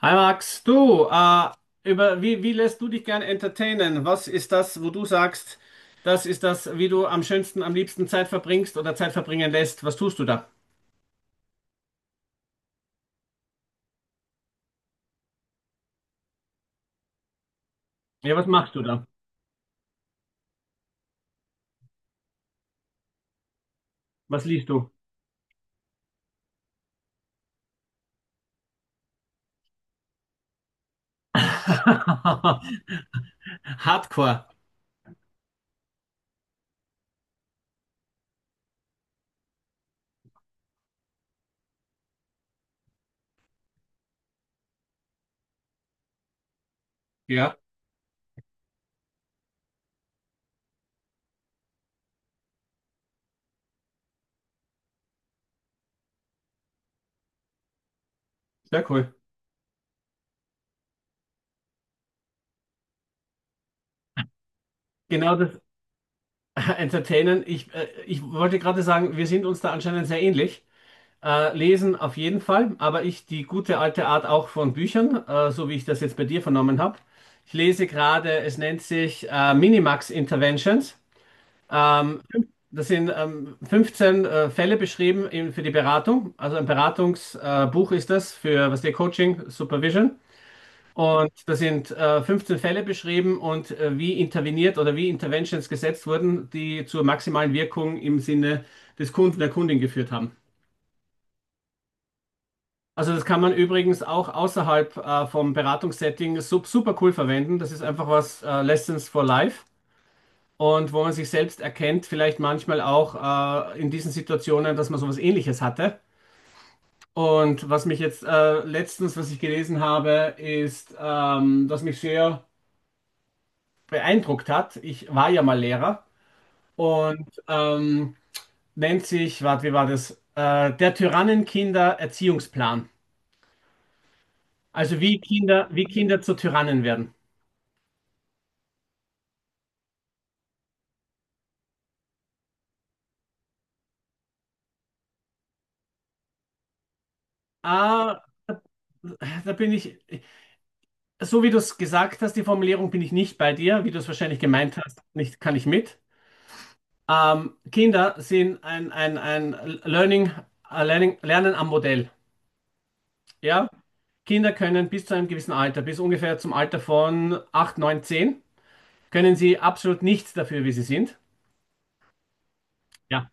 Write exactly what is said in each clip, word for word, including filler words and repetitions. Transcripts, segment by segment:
Hi Max, du, äh, über, wie, wie lässt du dich gern entertainen? Was ist das, wo du sagst, das ist das, wie du am schönsten, am liebsten Zeit verbringst oder Zeit verbringen lässt? Was tust du da? Ja, was machst du da? Was liest du? Hardcore. Ja, sehr cool. Genau das. Entertainen. Ich, äh, ich wollte gerade sagen, wir sind uns da anscheinend sehr ähnlich. Äh, lesen auf jeden Fall, aber ich die gute alte Art auch von Büchern, äh, so wie ich das jetzt bei dir vernommen habe. Ich lese gerade, es nennt sich äh, Minimax Interventions. Ähm, Das sind ähm, fünfzehn äh, Fälle beschrieben in, für die Beratung. Also ein Beratungsbuch äh, Buch ist das für, was der Coaching, Supervision. Und da sind äh, fünfzehn Fälle beschrieben und äh, wie interveniert oder wie Interventions gesetzt wurden, die zur maximalen Wirkung im Sinne des Kunden, der Kundin geführt haben. Also das kann man übrigens auch außerhalb äh, vom Beratungssetting sup- super cool verwenden. Das ist einfach was, äh, Lessons for Life, und wo man sich selbst erkennt, vielleicht manchmal auch äh, in diesen Situationen, dass man sowas Ähnliches hatte. Und was mich jetzt äh, letztens, was ich gelesen habe, ist, ähm, was mich sehr beeindruckt hat. Ich war ja mal Lehrer und ähm, nennt sich, warte, wie war das? Äh, Der Tyrannenkinder-Erziehungsplan. Also wie Kinder, wie Kinder zu Tyrannen werden. Ah, da bin ich, so wie du es gesagt hast, die Formulierung bin ich nicht bei dir, wie du es wahrscheinlich gemeint hast, nicht, kann ich mit. Ähm, Kinder sind ein, ein, ein Learning, äh, Learning, Lernen am Modell. Ja? Kinder können bis zu einem gewissen Alter, bis ungefähr zum Alter von acht neun zehn, können sie absolut nichts dafür, wie sie sind. Ja.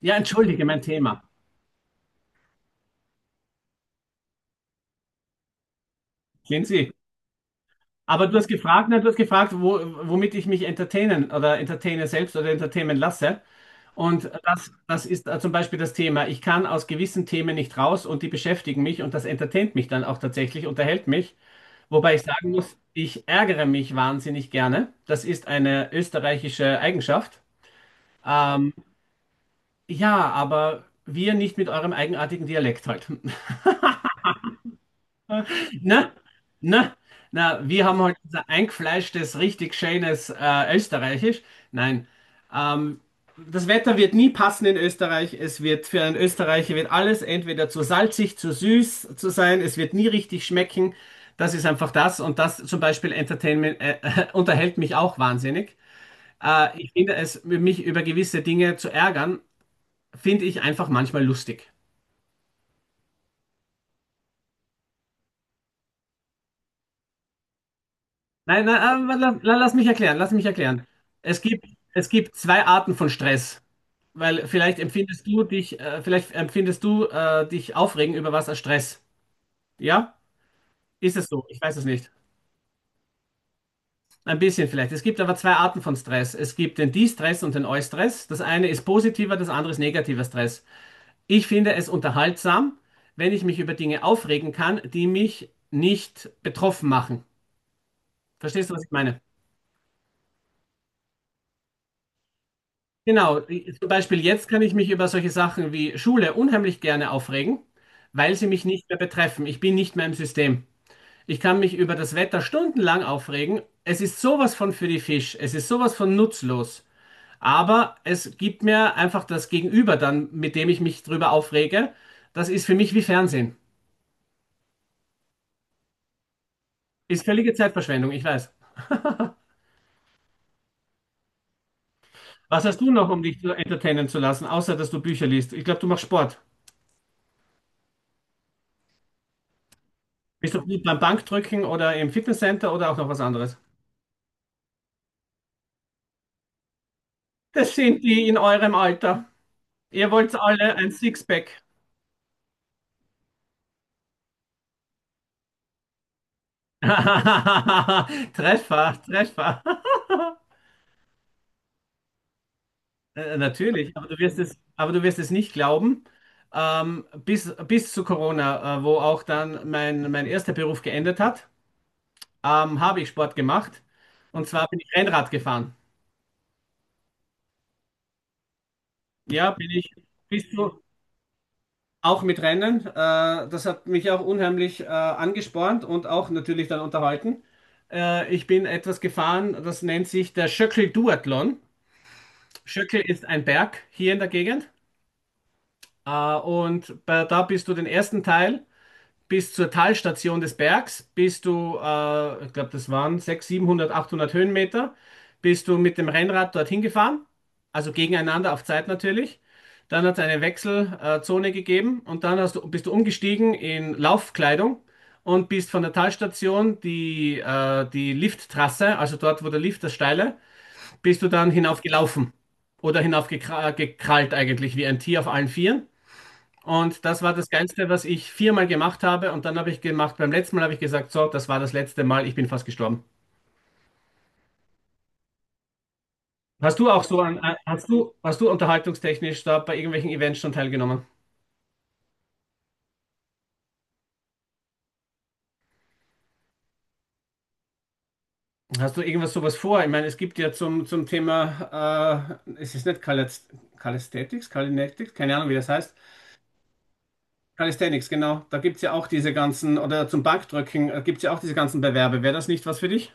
Ja, entschuldige, mein Thema. Sehen Sie. Aber du hast gefragt, nein, du hast gefragt, wo, womit ich mich entertainen oder entertaine selbst oder entertainen lasse. Und das, das ist äh, zum Beispiel das Thema. Ich kann aus gewissen Themen nicht raus und die beschäftigen mich und das entertaint mich dann auch tatsächlich, unterhält mich. Wobei ich sagen muss, ich ärgere mich wahnsinnig gerne. Das ist eine österreichische Eigenschaft. Ähm, ja, aber wir nicht mit eurem eigenartigen Dialekt halt. Na, na, na, wir haben halt unser eingefleischtes, richtig schönes äh, Österreichisch. Nein, ähm, das Wetter wird nie passen in Österreich. Es wird für einen Österreicher wird alles entweder zu salzig, zu süß zu sein. Es wird nie richtig schmecken. Das ist einfach das. Und das zum Beispiel Entertainment, äh, unterhält mich auch wahnsinnig. Äh, ich finde es, mich über gewisse Dinge zu ärgern, finde ich einfach manchmal lustig. Nein, nein, aber la- la- lass mich erklären, lass mich erklären. Es gibt, es gibt zwei Arten von Stress, weil vielleicht empfindest du dich, äh, vielleicht empfindest du äh, dich aufregen über was als Stress. Ja? Ist es so? Ich weiß es nicht. Ein bisschen vielleicht. Es gibt aber zwei Arten von Stress. Es gibt den De-Stress und den Eu-Stress. Das eine ist positiver, das andere ist negativer Stress. Ich finde es unterhaltsam, wenn ich mich über Dinge aufregen kann, die mich nicht betroffen machen. Verstehst du, was ich meine? Genau, i- zum Beispiel jetzt kann ich mich über solche Sachen wie Schule unheimlich gerne aufregen, weil sie mich nicht mehr betreffen. Ich bin nicht mehr im System. Ich kann mich über das Wetter stundenlang aufregen. Es ist sowas von für die Fisch. Es ist sowas von nutzlos. Aber es gibt mir einfach das Gegenüber dann, mit dem ich mich drüber aufrege. Das ist für mich wie Fernsehen. Ist völlige Zeitverschwendung, ich weiß. Was hast du noch, um dich zu entertainen zu lassen, außer dass du Bücher liest? Ich glaube, du machst Sport. Bist du gut beim Bankdrücken oder im Fitnesscenter oder auch noch was anderes? Das sind die in eurem Alter. Ihr wollt alle ein Sixpack. Treffer, Treffer. Äh, Natürlich, aber du wirst es, aber du wirst es nicht glauben. Ähm, bis, bis zu Corona, äh, wo auch dann mein, mein erster Beruf geendet hat, ähm, habe ich Sport gemacht. Und zwar bin ich Rennrad gefahren. Ja, bin ich bis zu, auch mit Rennen. Äh, das hat mich auch unheimlich äh, angespornt und auch natürlich dann unterhalten. Äh, ich bin etwas gefahren, das nennt sich der Schöckl-Duathlon. Schöckl ist ein Berg hier in der Gegend. Äh, und bei, da bist du den ersten Teil bis zur Talstation des Bergs bist du, äh, ich glaube, das waren sechshundert, siebenhundert, achthundert Höhenmeter, bist du mit dem Rennrad dorthin gefahren, also gegeneinander auf Zeit natürlich. Dann hat es eine Wechselzone äh, Zone gegeben und dann hast du, bist du umgestiegen in Laufkleidung und bist von der Talstation die, äh, die Lifttrasse, also dort, wo der Lift, das Steile, bist du dann hinaufgelaufen oder hinaufgekrallt eigentlich wie ein Tier auf allen Vieren. Und das war das Geilste, was ich viermal gemacht habe. Und dann habe ich gemacht, beim letzten Mal habe ich gesagt, so, das war das letzte Mal, ich bin fast gestorben. Hast du auch so an, hast du, hast du unterhaltungstechnisch da bei irgendwelchen Events schon teilgenommen? Hast du irgendwas sowas vor? Ich meine, es gibt ja zum, zum Thema, äh, es ist nicht Calisth Calisthetics, Kalinetics, keine Ahnung, wie das heißt. Calisthenics, genau. Da gibt es ja auch diese ganzen, oder zum Bankdrücken gibt es ja auch diese ganzen Bewerbe. Wäre das nicht was für dich?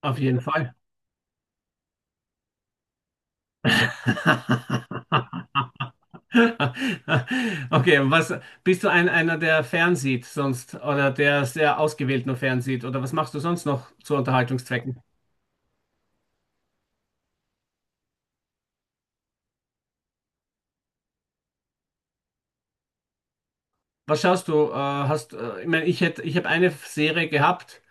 Auf jeden Fall. Okay, und was bist du ein, einer, der fernsieht sonst oder der sehr ausgewählt nur fernsieht oder was machst du sonst noch zu Unterhaltungszwecken? Was schaust du? Äh, hast, äh, ich meine, ich hätte, ich habe eine Serie gehabt,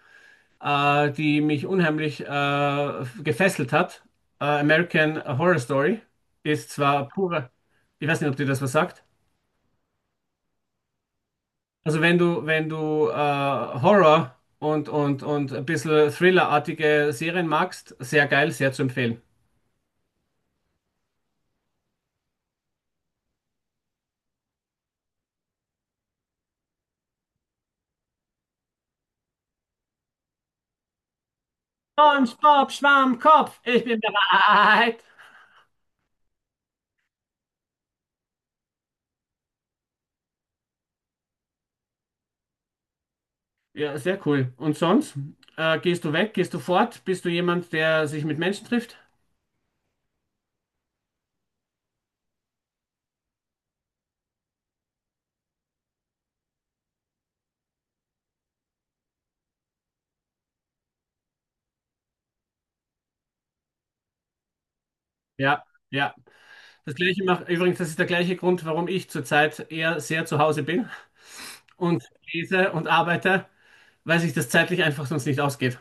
äh, die mich unheimlich äh, gefesselt hat. Äh, American Horror Story ist zwar pure, ich weiß nicht, ob dir das was sagt. Also wenn du, wenn du äh, Horror und, und, und ein bisschen Thriller-artige Serien magst, sehr geil, sehr zu empfehlen. Und Bob Schwammkopf, ich bin bereit. Ja, sehr cool. Und sonst? Äh, gehst du weg? Gehst du fort? Bist du jemand, der sich mit Menschen trifft? Ja, ja. Das gleiche macht übrigens, das ist der gleiche Grund, warum ich zurzeit eher sehr zu Hause bin und lese und arbeite, weil sich das zeitlich einfach sonst nicht ausgeht.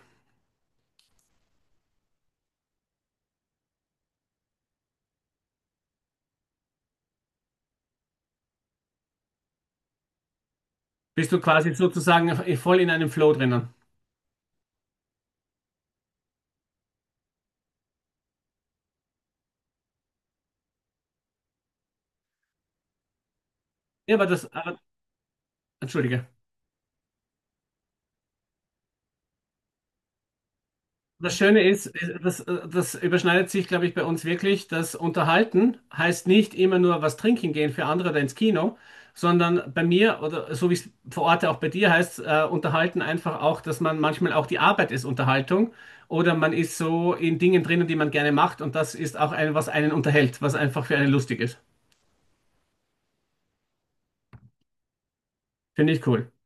Bist du quasi sozusagen voll in einem Flow drinnen? Ja, aber das, aber, entschuldige. Das Schöne ist, äh, das, äh, das überschneidet sich, glaube ich, bei uns wirklich, dass Unterhalten heißt nicht immer nur was trinken gehen für andere oder ins Kino, sondern bei mir oder so wie es vor Ort auch bei dir heißt, äh, Unterhalten einfach auch, dass man manchmal auch die Arbeit ist Unterhaltung oder man ist so in Dingen drinnen, die man gerne macht und das ist auch ein, was einen unterhält, was einfach für einen lustig ist. Finde ich cool.